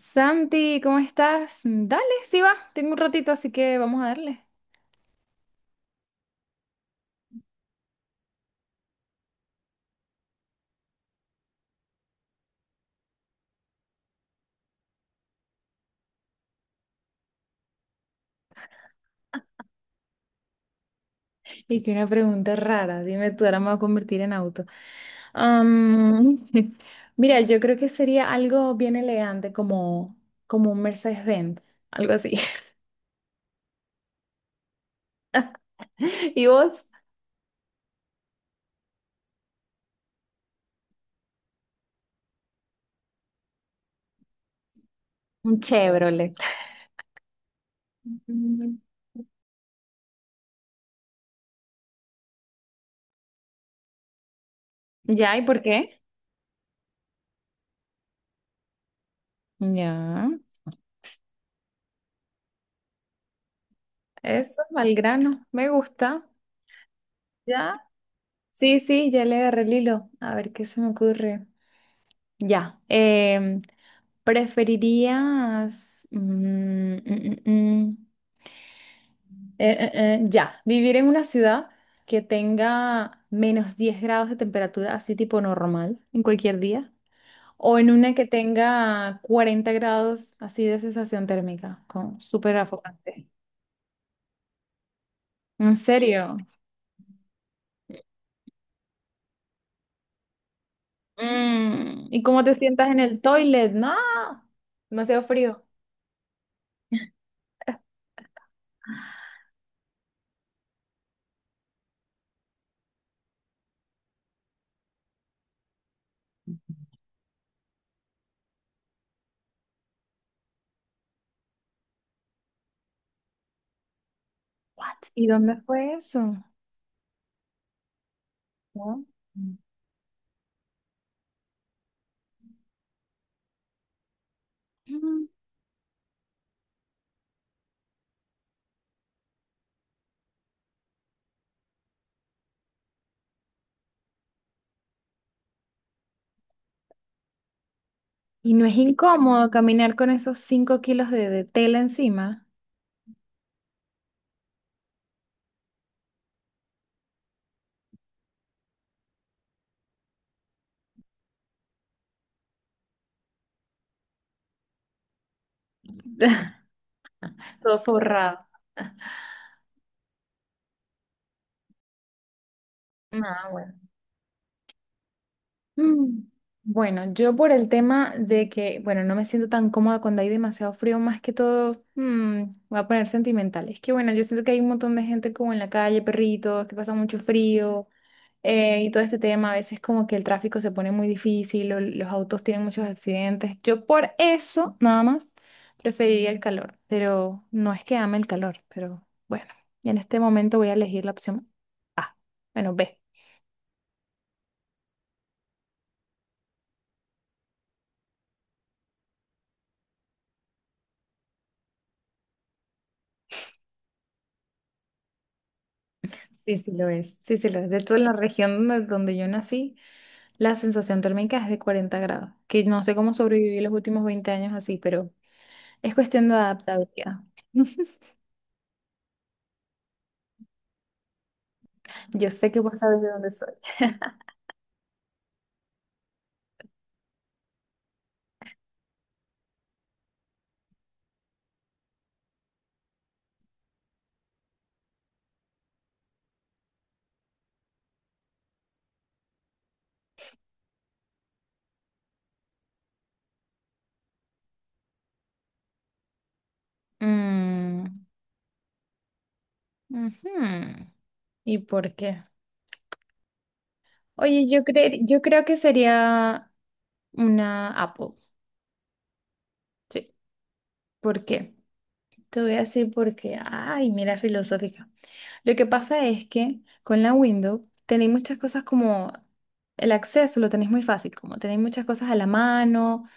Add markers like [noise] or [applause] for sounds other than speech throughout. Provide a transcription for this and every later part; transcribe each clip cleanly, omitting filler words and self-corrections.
Santi, ¿cómo estás? Dale, sí va, tengo un ratito, así que vamos a darle. Y que una pregunta rara, dime tú, ahora me voy a convertir en auto. Am, [laughs] mira, yo creo que sería algo bien elegante, como un Mercedes-Benz, algo así. [laughs] ¿Y vos? Un Chevrolet. [laughs] Mm. Ya, ¿y por qué? Ya, eso, al grano, me gusta. Ya, sí, sí, ya le agarré el hilo, a ver qué se me ocurre. Ya, ¿preferirías, mm, mm, ya, vivir en una ciudad que tenga -10 grados de temperatura, así tipo normal, en cualquier día? ¿O en una que tenga 40 grados, así de sensación térmica, con súper afocante? ¿En serio? ¿Y cómo te sientas en el toilet? No, demasiado frío. What? ¿Y dónde fue eso? ¿No? Y no es incómodo caminar con esos 5 kilos de tela encima. [laughs] Todo forrado. Ah, bueno. Mm. Bueno, yo por el tema de que, bueno, no me siento tan cómoda cuando hay demasiado frío, más que todo, voy a poner sentimental. Es que, bueno, yo siento que hay un montón de gente como en la calle, perritos, que pasan mucho frío. Y todo este tema, a veces como que el tráfico se pone muy difícil, o los autos tienen muchos accidentes. Yo por eso, nada más, preferiría el calor, pero no es que ame el calor, pero bueno, en este momento voy a elegir la opción A, bueno, B. Sí, sí lo es. Sí, sí, lo es. De hecho, en la región donde, donde yo nací, la sensación térmica es de 40 grados, que no sé cómo sobreviví los últimos 20 años así, pero es cuestión de adaptabilidad. [laughs] Yo sé que vos sabes de dónde soy. Mm, ujú. ¿Y por qué? Oye, yo creo que sería una Apple. Sí. ¿Por qué? Te voy a decir por qué. Ay, mira, filosófica. Lo que pasa es que con la Windows tenéis muchas cosas como el acceso lo tenéis muy fácil, como tenéis muchas cosas a la mano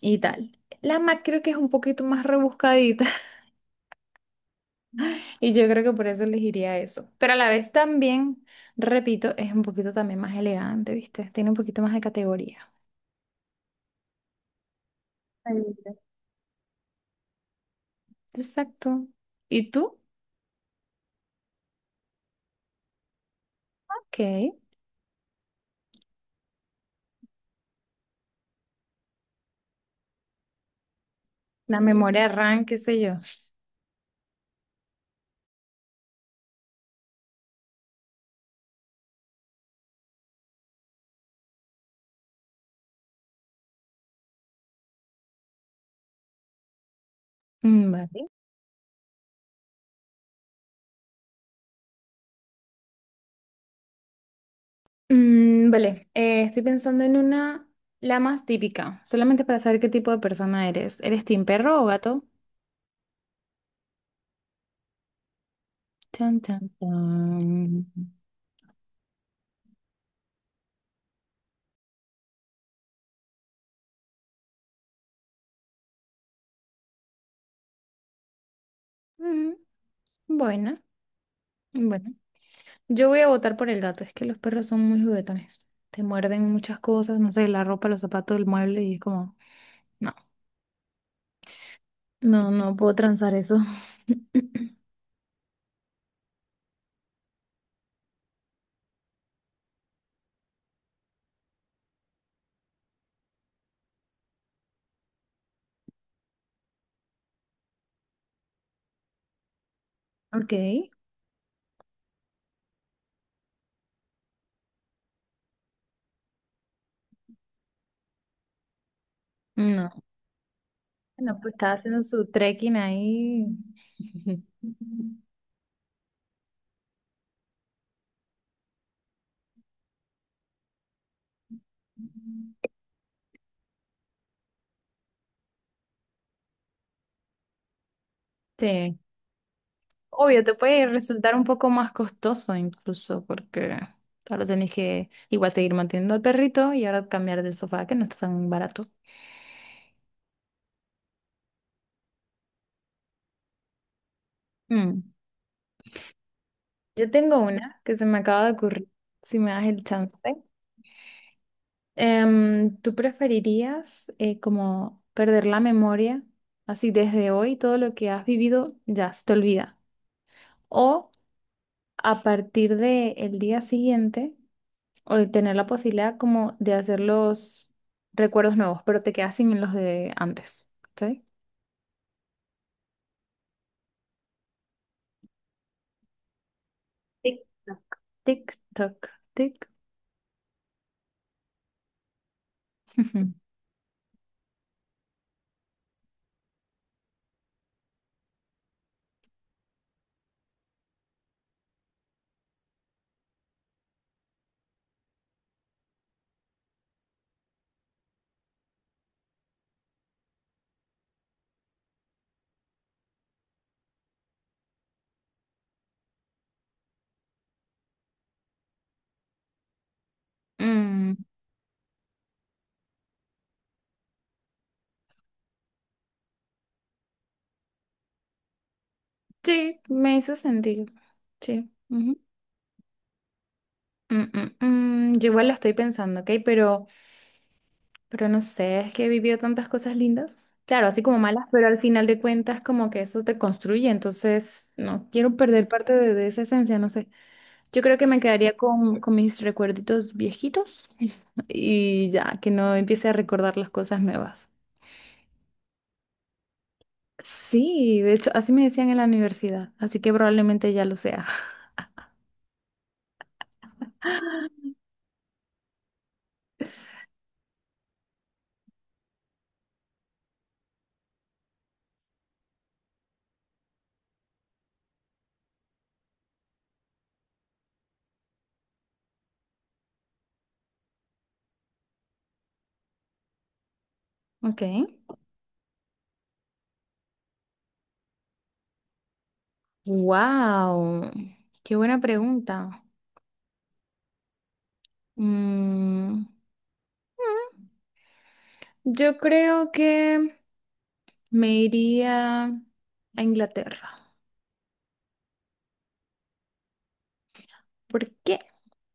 y tal. La Mac creo que es un poquito más rebuscadita [laughs] y yo creo que por eso elegiría eso. Pero a la vez también, repito, es un poquito también más elegante, ¿viste? Tiene un poquito más de categoría. Exacto. ¿Y tú? Ok. La memoria RAM, qué sé yo. Mm, vale. Mm, vale. Estoy pensando en una, la más típica, solamente para saber qué tipo de persona eres. ¿Eres team perro o gato? Tan, tan, tan. Mm, buena, bueno. Yo voy a votar por el gato, es que los perros son muy juguetones. Te muerden muchas cosas, no sé, la ropa, los zapatos, el mueble y es como, no, no, no puedo transar eso. [laughs] Ok. No. Bueno, pues estaba haciendo su trekking ahí. [laughs] Sí. Obvio, te puede resultar un poco más costoso incluso porque ahora tenés que igual seguir manteniendo al perrito y ahora cambiar del sofá que no está tan barato. Mm. Yo tengo una que se me acaba de ocurrir, si me das el chance. ¿Tú preferirías como perder la memoria, así desde hoy todo lo que has vivido ya se te olvida? ¿O a partir del día siguiente o de tener la posibilidad como de hacer los recuerdos nuevos, pero te quedas sin los de antes? ¿Sí? Tic, tac. Tic, toc, tic. [laughs] Mm, sí, me hizo sentido. Sí. Ujú. Mm, mm, Yo igual lo estoy pensando, ¿ok? Pero no sé, es que he vivido tantas cosas lindas. Claro, así como malas, pero al final de cuentas como que eso te construye, entonces no quiero perder parte de esa esencia, no sé. Yo creo que me quedaría con mis recuerditos viejitos [laughs] y ya, que no empiece a recordar las cosas nuevas. Sí, de hecho, así me decían en la universidad, así que probablemente ya lo sea. [laughs] Ok. Wow, qué buena pregunta. Mm, yo creo que me iría a Inglaterra. ¿Por qué?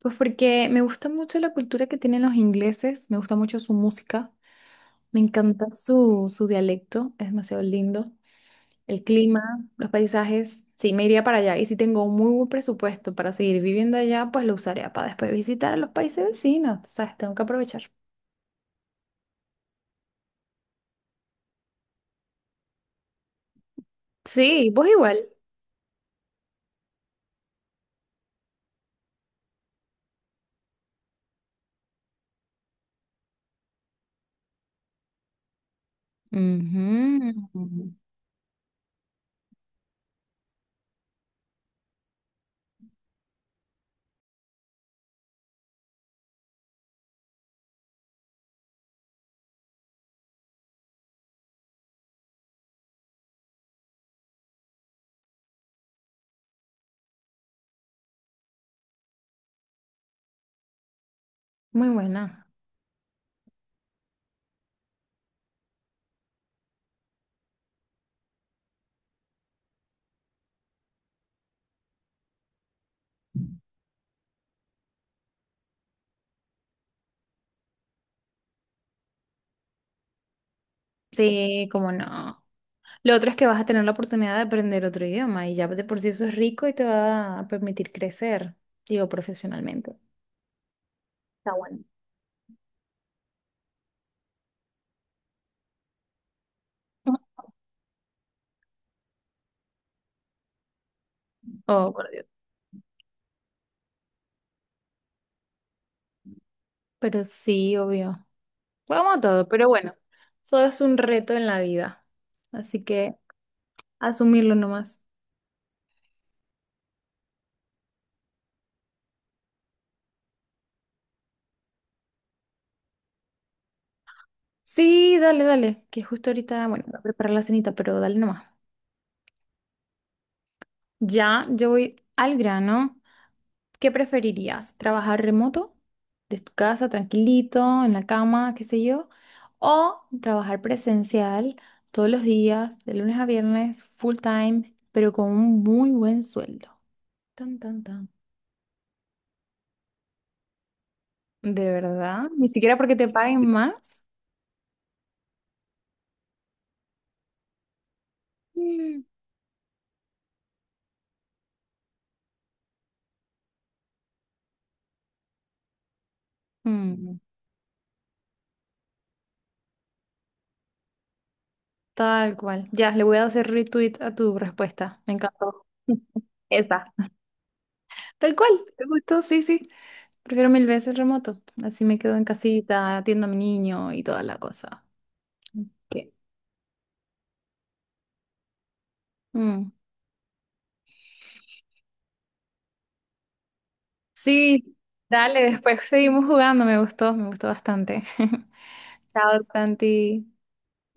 Pues porque me gusta mucho la cultura que tienen los ingleses, me gusta mucho su música. Me encanta su, su dialecto, es demasiado lindo. El clima, los paisajes, sí, me iría para allá. Y si tengo un muy buen presupuesto para seguir viviendo allá, pues lo usaría para después visitar a los países vecinos. Tú sabes, tengo que aprovechar. Sí, vos igual. Ujú. Muy buena. Sí, como no. Lo otro es que vas a tener la oportunidad de aprender otro idioma y ya de por sí eso es rico y te va a permitir crecer, digo, profesionalmente. Está bueno. Oh, por Dios. Pero sí, obvio. Bueno, vamos a todo, pero bueno, eso es un reto en la vida. Así que asumirlo nomás. Sí, dale, dale, que justo ahorita, bueno, voy a preparar la cenita, pero dale nomás. Ya, yo voy al grano. ¿Qué preferirías? ¿Trabajar remoto? ¿De tu casa, tranquilito, en la cama, qué sé yo? ¿O trabajar presencial todos los días, de lunes a viernes, full time, pero con un muy buen sueldo? Tan, tan, tan. ¿De verdad? ¿Ni siquiera porque te paguen más? Mm, Tal cual. Ya, le voy a hacer retweet a tu respuesta. Me encantó. [laughs] Esa. Tal cual. Me gustó, sí, sí. Prefiero mil veces remoto. Así me quedo en casita, atiendo a mi niño y toda la cosa. Ok. Mm. Sí, dale, después seguimos jugando. Me gustó bastante. [laughs] Chao, Tanti.